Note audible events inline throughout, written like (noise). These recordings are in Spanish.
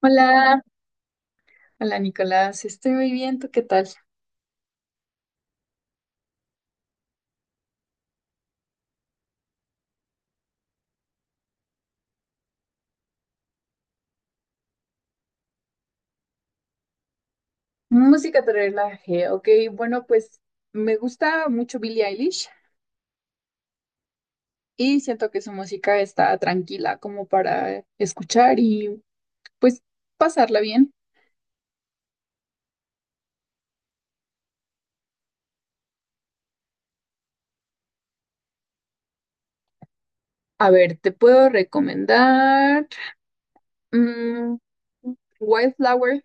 Hola, hola Nicolás, estoy muy bien, ¿tú qué tal? Música te relaje, ok, bueno, pues me gusta mucho Billie Eilish y siento que su música está tranquila como para escuchar y pues pasarla bien. A ver, te puedo recomendar mm, Wildflower.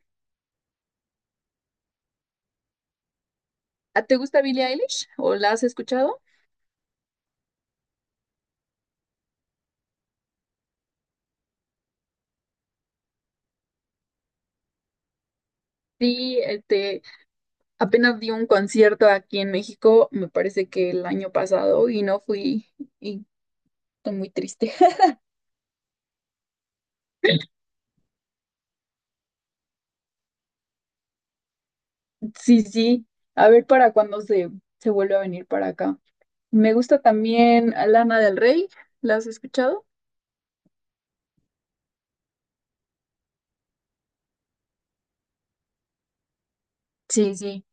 ¿Te gusta Billie Eilish o la has escuchado? Sí, apenas di un concierto aquí en México, me parece que el año pasado y no fui y estoy muy triste. Sí, sí, a ver para cuándo se vuelve a venir para acá. Me gusta también Lana del Rey, ¿la has escuchado? Sí, sí.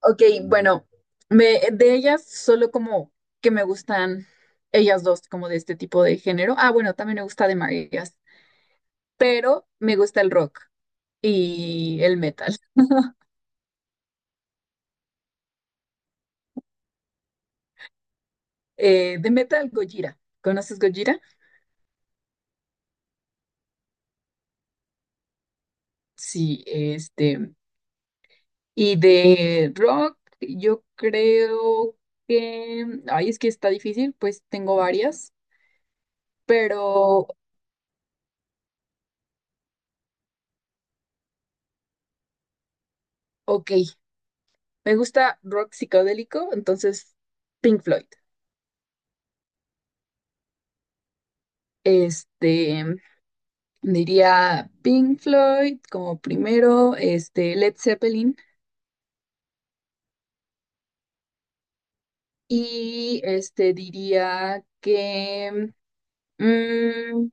Ok, bueno, de ellas solo como que me gustan ellas dos, como de este tipo de género. Ah, bueno, también me gusta de Marías, pero me gusta el rock y el metal. De metal, Gojira. ¿Conoces Gojira? Sí, y de rock, yo creo ay, es que está difícil, pues tengo varias, pero ok, me gusta rock psicodélico, entonces Pink Floyd. Este, diría Pink Floyd como primero, este, Led Zeppelin, y este, diría que mm,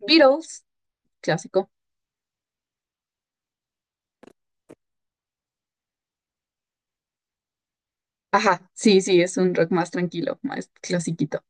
Beatles, clásico. Ajá, sí, sí, es un rock más tranquilo, más clasiquito.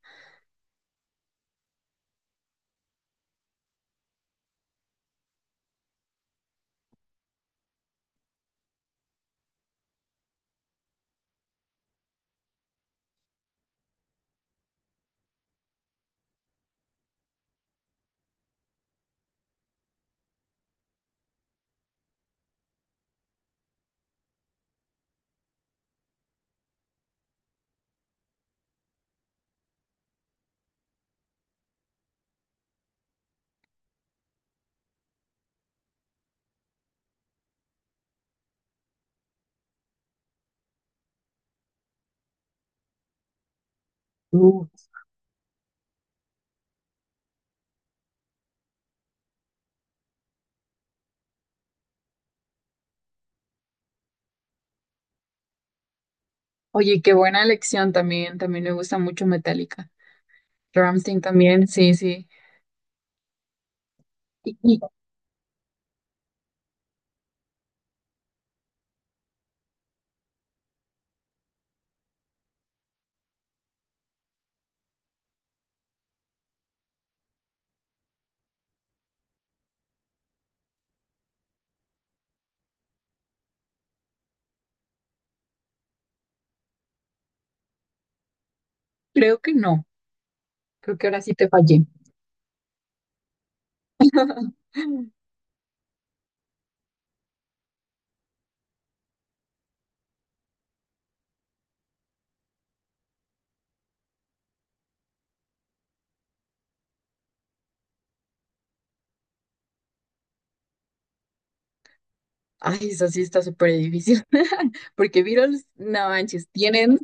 Oye, qué buena elección también, también me gusta mucho Metallica. Rammstein también, sí, sí. Y creo que no, creo que ahora sí te fallé. (laughs) Ay, eso sí está súper difícil, (laughs) porque Beatles, no manches, tienen,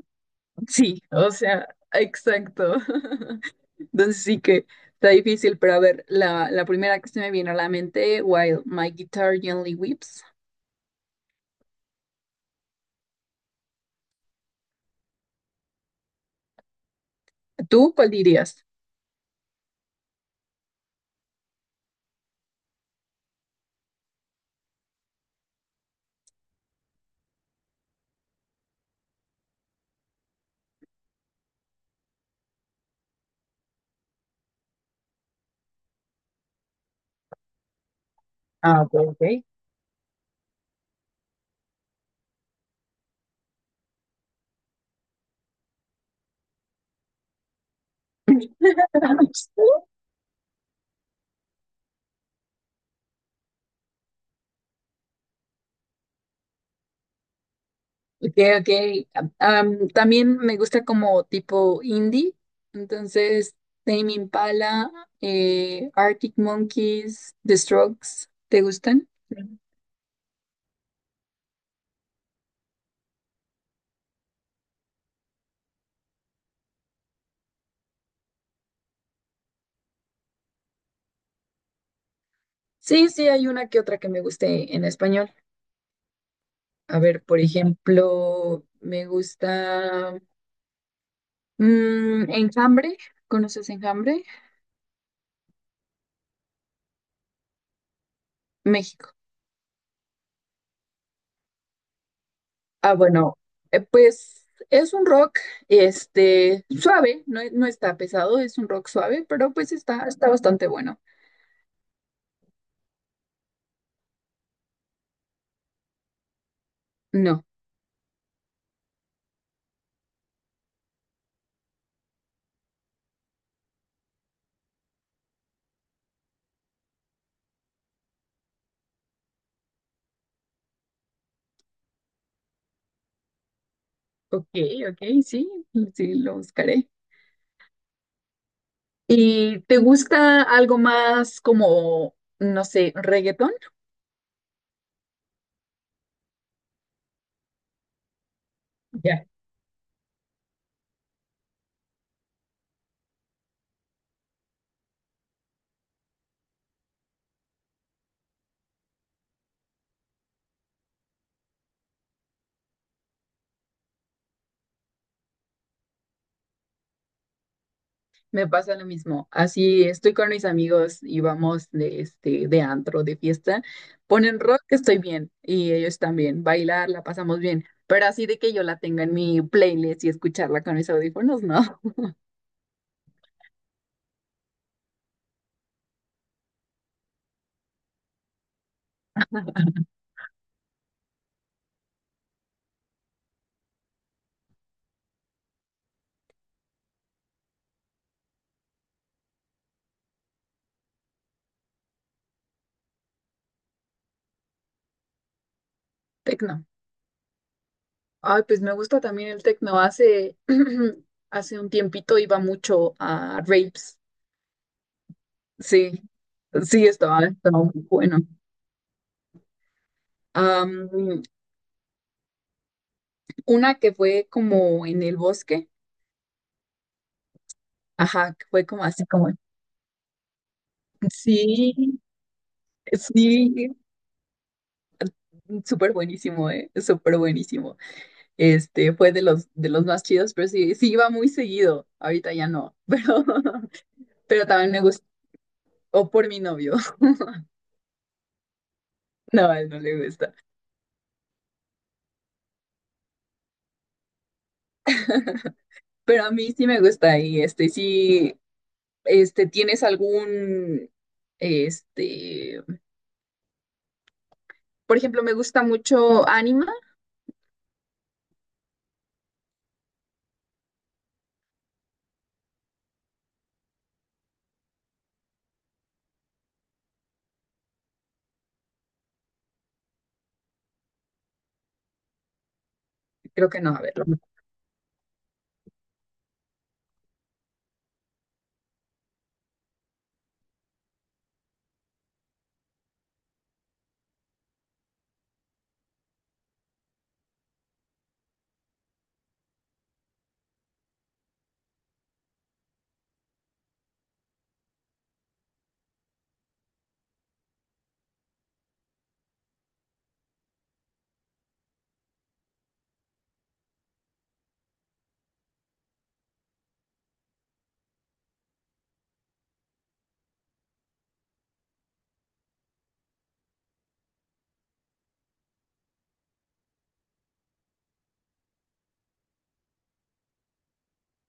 sí, o sea, exacto. (laughs) Entonces sí que está difícil, pero a ver, la primera que se me vino a la mente, While My Guitar Gently Weeps. ¿Tú cuál dirías? Ah, ok, ok. (laughs) Okay, okay. También me gusta como tipo indie, entonces Tame Impala, Arctic Monkeys, The Strokes, ¿te gustan? Sí, sí, hay una que otra que me guste en español. A ver, por ejemplo, me gusta Enjambre. ¿Conoces Enjambre? México. Ah, bueno, pues es un rock, este, suave, no, no está pesado, es un rock suave, pero pues está, está bastante bueno. No, ok, ok, sí, sí, lo buscaré. ¿Y te gusta algo más como, no sé, reggaetón? Ya, me pasa lo mismo. Así estoy con mis amigos y vamos de, este, de antro, de fiesta. Ponen rock, estoy bien, y ellos también. Bailar, la pasamos bien. Pero así de que yo la tenga en mi playlist y escucharla con mis audífonos, no. (laughs) Tecno. Ay, pues me gusta también el tecno. Hace, (clears throat) hace un tiempito iba mucho a raves. Sí, sí, estaba, estaba muy bueno. Am, una que fue como en el bosque, ajá, que fue como así como, sí, sí, súper buenísimo, súper buenísimo. Este, fue de de los más chidos, pero sí, sí iba muy seguido, ahorita ya no, (laughs) pero también me gustó, o por mi novio, (laughs) no, a él no le gusta, pero a mí sí me gusta y este, sí, este, ¿tienes algún, este... Por ejemplo, me gusta mucho Anima. Creo que no, a ver. Lo-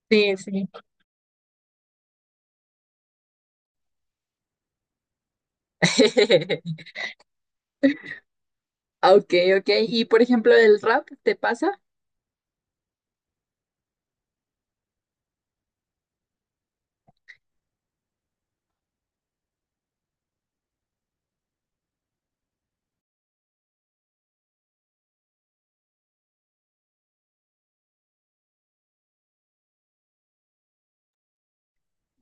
Sí, sí. (laughs) Ok, ok. Y por ejemplo, el rap, ¿te pasa?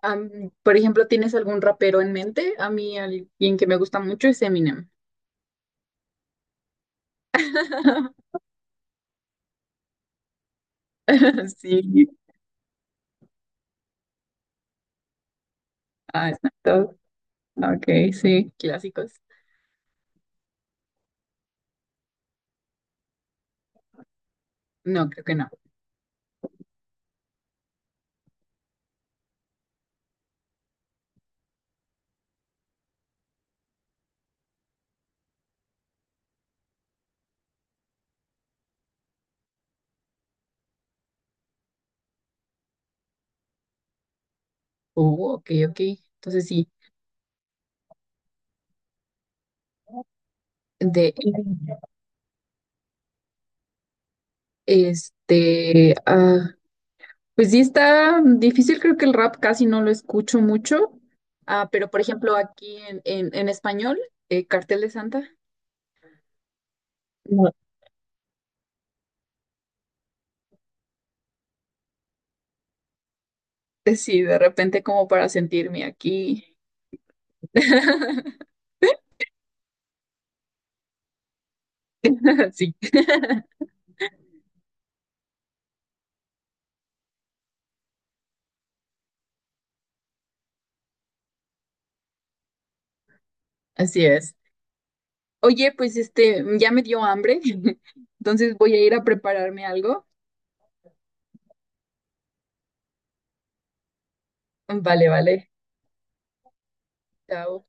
Por ejemplo, ¿tienes algún rapero en mente? A mí, alguien que me gusta mucho es Eminem. (laughs) Sí. Ah, exacto. Ok, sí. Clásicos. No, creo que no. Oh, ok, ok. Entonces sí. De este. Pues sí está difícil, creo que el rap casi no lo escucho mucho, pero por ejemplo aquí en español, Cartel de Santa, no. (laughs) Sí, de repente como para sentirme aquí. (laughs) Sí, así es. Oye, pues este, ya me dio hambre, (laughs) entonces voy a ir a prepararme algo. Vale, vale. Chao.